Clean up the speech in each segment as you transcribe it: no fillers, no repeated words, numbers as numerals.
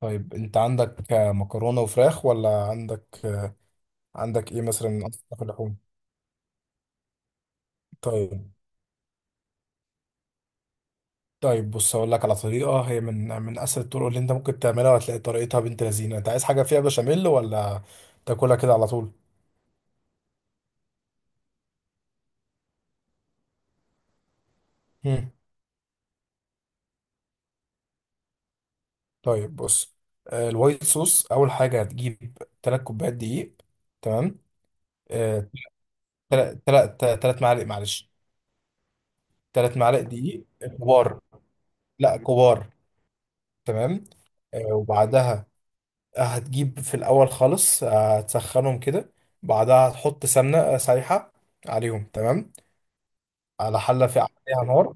طيب انت عندك مكرونة وفراخ ولا عندك عندك ايه مثلا من اصناف اللحوم. طيب. طيب بص هقول لك على طريقة، هي من اسهل الطرق اللي انت ممكن تعملها، وهتلاقي طريقتها بنت لذينة. انت عايز حاجة فيها بشاميل، ولا تاكلها كده على طول؟ مم. طيب بص، الوايت صوص اول حاجة هتجيب 3 كوبايات دقيق. تمام. 3 معالق، معلش، 3 معالق دقيق كبار. لا، كبار. تمام. وبعدها هتجيب في الأول خالص، هتسخنهم كده، بعدها هتحط سمنة سايحة عليهم. تمام، على حلة في عليها نار.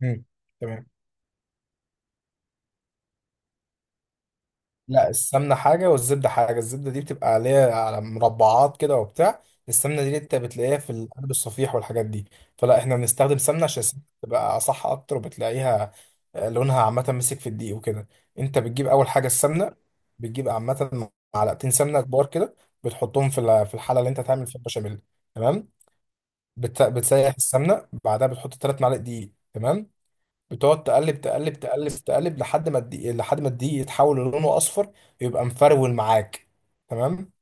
مم. تمام. لا، السمنة حاجة والزبدة حاجة. الزبدة دي بتبقى عليها على مربعات كده وبتاع. السمنة دي انت بتلاقيها في القلب الصفيح والحاجات دي. فلا احنا بنستخدم سمنة عشان السمنة تبقى صح أكتر، وبتلاقيها لونها عامة مسك في الدقيق وكده. انت بتجيب أول حاجة السمنة، بتجيب عامة معلقتين سمنة كبار كده، بتحطهم في في الحلة اللي انت هتعمل فيها البشاميل. تمام. بتسيح السمنة، بعدها بتحط تلات معالق دقيق. تمام. بتقعد تقلب تقلب تقلب تقلب لحد ما الدقيق، لحد ما الدقيق يتحول للونه اصفر، يبقى مفرول معاك. تمام.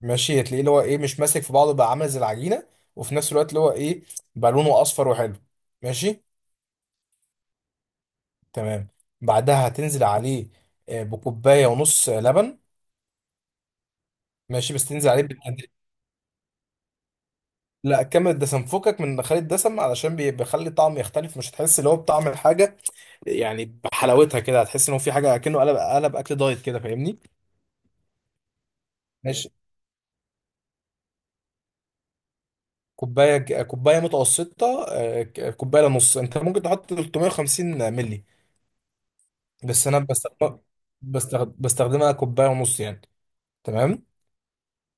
ماشي، تلاقيه اللي هو ايه، مش ماسك في بعضه بقى، عامل زي العجينه، وفي نفس الوقت اللي هو ايه، بقى لونه اصفر وحلو. ماشي. تمام. بعدها هتنزل عليه بكوبايه ونص لبن. ماشي، بس تنزل عليه بالتدريج. لا، كمل الدسم، فكك من خالي الدسم، علشان بيخلي الطعم يختلف. مش هتحس اللي هو بطعم الحاجه، يعني بحلاوتها كده. هتحس ان هو في حاجه، كأنه قلب اكل دايت كده، فاهمني؟ ماشي. كوبايه متوسطه، كوبايه لنص. انت ممكن تحط 350 مللي، بس انا بستخدم، بستخدمها كوبايه ونص يعني. تمام.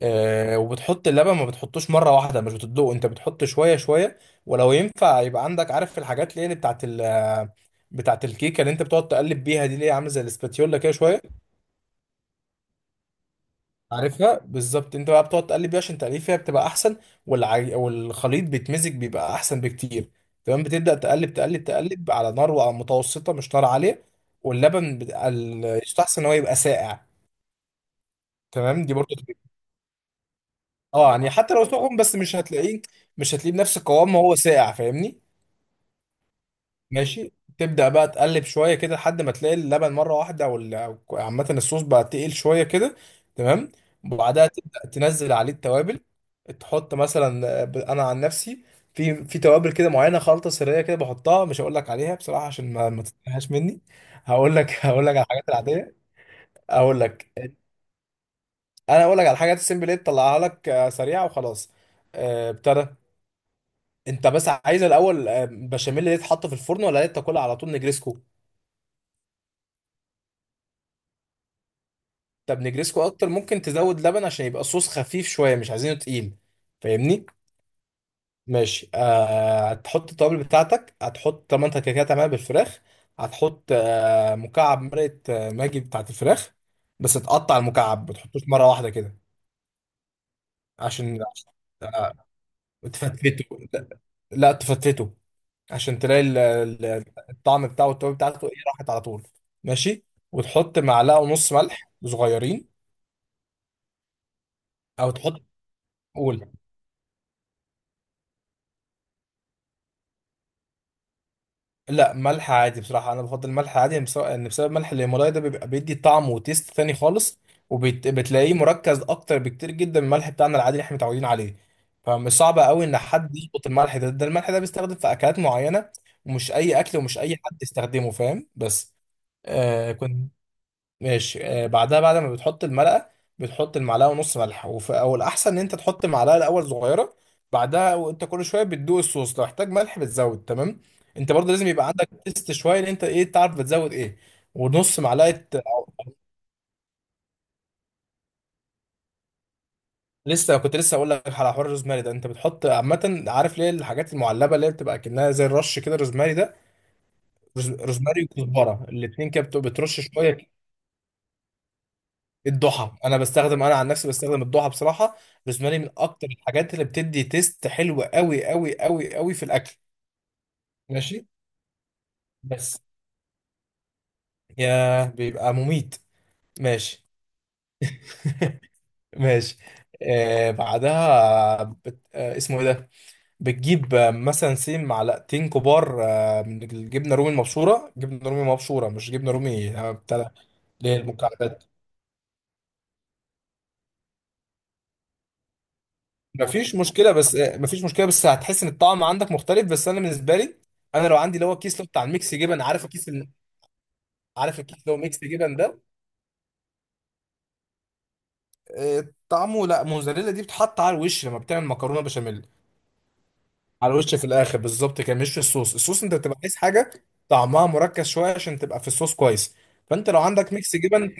آه، وبتحط اللبن، ما بتحطوش مره واحده، مش بتدوق، انت بتحط شويه شويه. ولو ينفع يبقى عندك، عارف الحاجات اللي هي اللي بتاعت بتاعت الكيكه، اللي انت بتقعد تقلب بيها دي، اللي هي عامله زي الاسباتيولا كده شويه. عارفها بالظبط. انت بقى بتقعد تقلب بيها عشان تقليب فيها بتبقى احسن. والخليط بيتمزج، بيبقى احسن بكتير. تمام. بتبدا تقلب تقلب تقلب على نار متوسطه، مش نار عاليه. واللبن يستحسن ان هو يبقى ساقع. تمام، دي برضه تبقى. اه يعني حتى لو سخن، بس مش هتلاقيه، مش هتلاقيه بنفس القوام ما هو ساقع، فاهمني؟ ماشي. تبدأ بقى تقلب شوية كده لحد ما تلاقي اللبن مرة واحدة، أو أو عامة الصوص بقى تقيل شوية كده. تمام. وبعدها تبدأ تنزل عليه التوابل. تحط مثلا أنا عن نفسي في توابل كده معينة، خلطة سرية كده بحطها، مش هقول لك عليها بصراحة عشان ما تتنهاش مني. هقول لك هقول لك على الحاجات العادية. أقول لك. أنا هقول لك على الحاجات السيمبل اللي تطلعها لك سريعة وخلاص. آه، ابتدى. أنت بس عايز الأول بشاميل اللي يتحط في الفرن، ولا تاكلها على طول نجرسكو؟ طب نجريسكو اكتر، ممكن تزود لبن عشان يبقى صوص خفيف شويه، مش عايزينه تقيل، فاهمني؟ ماشي. آه، هتحط التوابل بتاعتك، هتحط، طب ما انت كده كده هتعملها بالفراخ، هتحط آه مكعب مرقه ماجي بتاعت الفراخ. بس تقطع المكعب، ما تحطوش مره واحده كده. عشان آه، تفتفته. لا. تفتفته، عشان تلاقي الطعم بتاعه والتوابل بتاعته ايه، راحت على طول. ماشي. وتحط معلقه ونص ملح صغيرين. او تحط، قول. لا ملح عادي بصراحة، أنا بفضل الملح عادي يعني، لأن بسبب ملح الهيمالايا ده بيبقى بيدي طعم وتيست تاني خالص، وبتلاقيه مركز أكتر بكتير جدا من الملح بتاعنا العادي اللي إحنا متعودين عليه. فمش صعب قوي إن حد يظبط الملح ده. الملح ده بيستخدم في أكلات معينة، ومش أي أكل، ومش أي حد يستخدمه، فاهم؟ بس آه، ماشي. آه، بعدها بعد ما بتحط المرقة، بتحط المعلقة ونص ملح، او الأحسن إن أنت تحط المعلقة الأول صغيرة، بعدها وأنت كل شوية بتدوق الصوص، لو احتاج ملح بتزود. تمام. أنت برضه لازم يبقى عندك تيست شوية، إن أنت إيه، تعرف بتزود إيه. ونص معلقة أو. لسه كنت لسه أقول لك على حوار الروزماري ده. أنت بتحط عامة، عارف ليه، الحاجات المعلبة اللي هي بتبقى كأنها زي الرش كده، الروزماري ده، روزماري وكزبرة، الاتنين كده بترش شوية. الضحى، انا بستخدم، انا عن نفسي بستخدم الضحى بصراحه. روزماري من اكتر الحاجات اللي بتدي تيست حلو قوي قوي قوي قوي في الاكل. ماشي. بس يا، بيبقى مميت. ماشي. ماشي. آه، بعدها آه، اسمه ايه ده، بتجيب آه، مثلا سين معلقتين كبار آه من الجبنه رومي المبشوره. جبنه رومي مبشوره، مش جبنه رومي بتاع ده، اللي هي المكعبات. مفيش مشكله، بس مفيش مشكله بس هتحس ان الطعم عندك مختلف. بس انا بالنسبه لي، انا لو عندي اللي هو الكيس، اللي هو بتاع الميكس جبن، عارف الكيس ال. عارف الكيس اللي هو ميكس جبن ده، آه، طعمه. لا موزاريلا دي بتحط على الوش لما بتعمل مكرونه بشاميل. على الوش في الاخر بالظبط كده، مش في الصوص. الصوص انت بتبقى عايز حاجه طعمها مركز شويه عشان تبقى في الصوص كويس. فانت لو عندك ميكس جبن،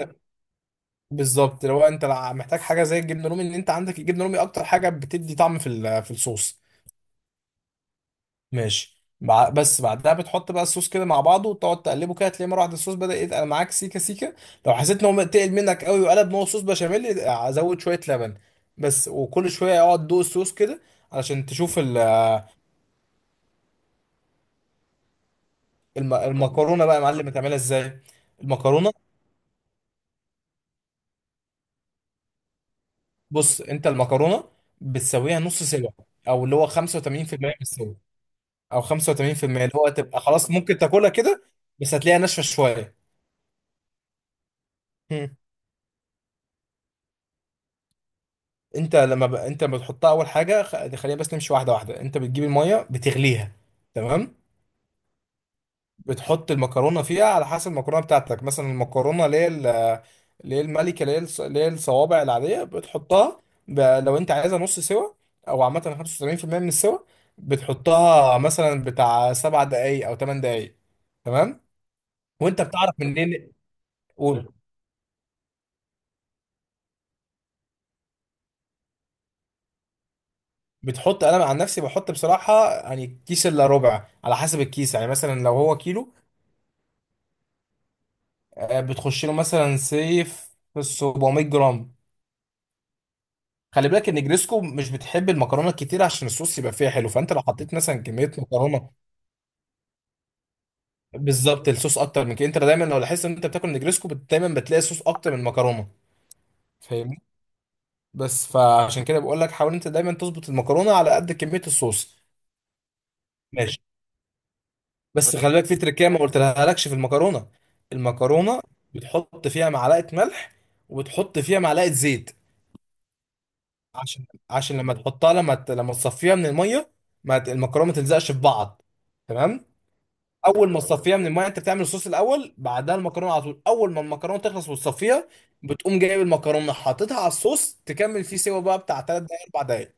بالظبط. لو انت محتاج حاجه زي الجبنه الرومي، ان انت عندك الجبنه الرومي اكتر حاجه بتدي طعم في في الصوص. ماشي. بس بعدها بتحط بقى الصوص كده مع بعضه، وتقعد تقلبه كده، تلاقي مره واحده الصوص بدأ يتقل معاك سيكه سيكه. لو حسيت ان هو تقل منك قوي وقلب ان هو صوص بشاميل، ازود شويه لبن بس. وكل شويه اقعد دوق الصوص كده، علشان تشوف المكرونه بقى يا معلم هتعملها ازاي. المكرونه، بص انت المكرونه بتسويها نص سوا، او اللي هو 85% من السوا، او 85% اللي هو تبقى خلاص ممكن تاكلها كده، بس هتلاقيها ناشفه شويه. انت لما انت لما بتحطها اول حاجه، خلينا بس نمشي واحده واحده. انت بتجيب الميه بتغليها. تمام. بتحط المكرونه فيها، على حسب المكرونه بتاعتك. مثلا المكرونه اللي هي اللي هي الملكه، اللي هي اللي هي الصوابع العاديه، بتحطها لو انت عايزها نص سوا، او عامه 75% من السوا، بتحطها مثلا بتاع سبع دقائق او ثمان دقائق. تمام. وانت بتعرف منين، قول. بتحط، انا عن نفسي بحط بصراحه يعني كيس الا ربع على حسب الكيس، يعني مثلا لو هو كيلو، بتخش له مثلا سيف 700 جرام. خلي بالك ان جريسكو مش بتحب المكرونه الكتير، عشان الصوص يبقى فيها حلو. فانت لو حطيت مثلا كميه مكرونه، بالظبط الصوص اكتر من كده. انت دايما لو لاحظت ان انت بتاكل نجريسكو دايما بتلاقي صوص اكتر من المكرونه، فاهمني؟ بس فعشان كده بقول لك حاول انت دايما تظبط المكرونه على قد كميه الصوص. ماشي. بس خلي بالك في تركيه ما قلتلهالكش في المكرونه. المكرونه بتحط فيها معلقه ملح، وبتحط فيها معلقه زيت، عشان لما تحطها، لما تصفيها من الميه، ما ت... المكرونه ما تلزقش في بعض. تمام. اول ما تصفيها من الميه، انت بتعمل الصوص الاول، بعدها المكرونه على طول. اول ما المكرونه تخلص وتصفيها، بتقوم جايب المكرونه حاططها على الصوص، تكمل فيه سوا بقى بتاع 3 دقايق 4 دقايق.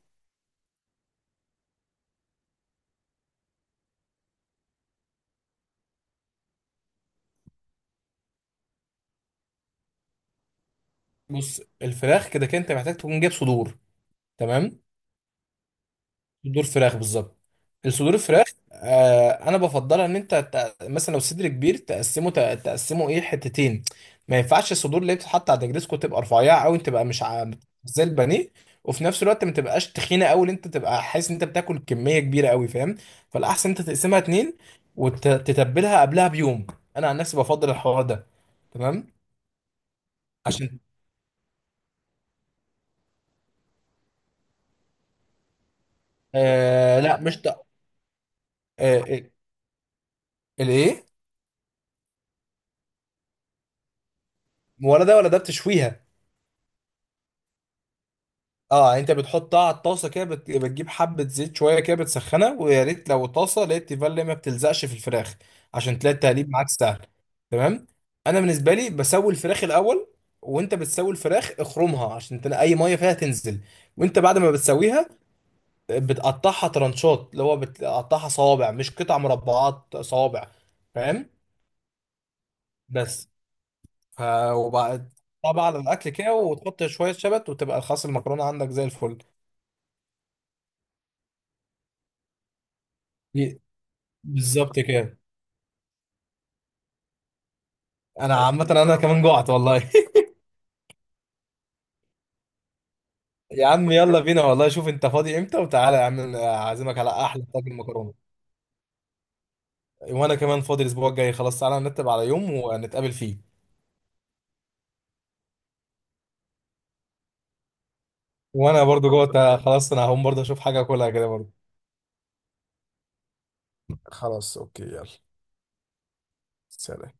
بص الفراخ كده كده انت محتاج تكون جايب صدور. تمام، صدور فراخ بالظبط. الصدور الفراخ، آه انا بفضلها ان انت مثلا لو صدر كبير تقسمه، تقسمه ايه، حتتين. ما ينفعش الصدور اللي بتتحط على النجريسكو تبقى رفيعه قوي، تبقى مش ع- زي البانيه، وفي نفس الوقت ما تبقاش تخينه قوي، اللي انت تبقى حاسس ان انت بتاكل كميه كبيره قوي، فاهم؟ فالاحسن انت تقسمها اتنين، وتتبلها قبلها بيوم. انا عن نفسي بفضل الحوار ده. تمام. عشان آه، لا مش آه، آه، الايه. ولا ده ولا ده، بتشويها. اه يعني انت بتحطها على الطاسه كده، بتجيب حبه زيت شويه كده، بتسخنها، ويا ريت لو طاسه لقيت تيفال ما بتلزقش في الفراخ، عشان تلاقي التقليب معاك سهل. تمام. انا بالنسبه لي بسوي الفراخ الاول. وانت بتسوي الفراخ اخرمها، عشان تلاقي اي ميه فيها تنزل. وانت بعد ما بتسويها بتقطعها ترانشات، اللي هو بتقطعها صوابع، مش قطع مربعات، صوابع، فاهم؟ بس ف، وبعد، طبعا على الاكل كده وتحط شويه شبت، وتبقى الخاص المكرونه عندك زي الفل. دي- بالظبط كده. انا عامة انا كمان جوعت والله. يا عم يلا بينا والله، شوف انت فاضي امتى وتعالى يا عم، اعزمك على احلى طاجن مكرونة. وانا كمان فاضي الاسبوع الجاي، خلاص تعالى نرتب على يوم ونتقابل فيه. وانا برضو جوعت، خلاص انا هقوم برضو اشوف حاجة اكلها كده برضو. خلاص، اوكي، يلا. سلام.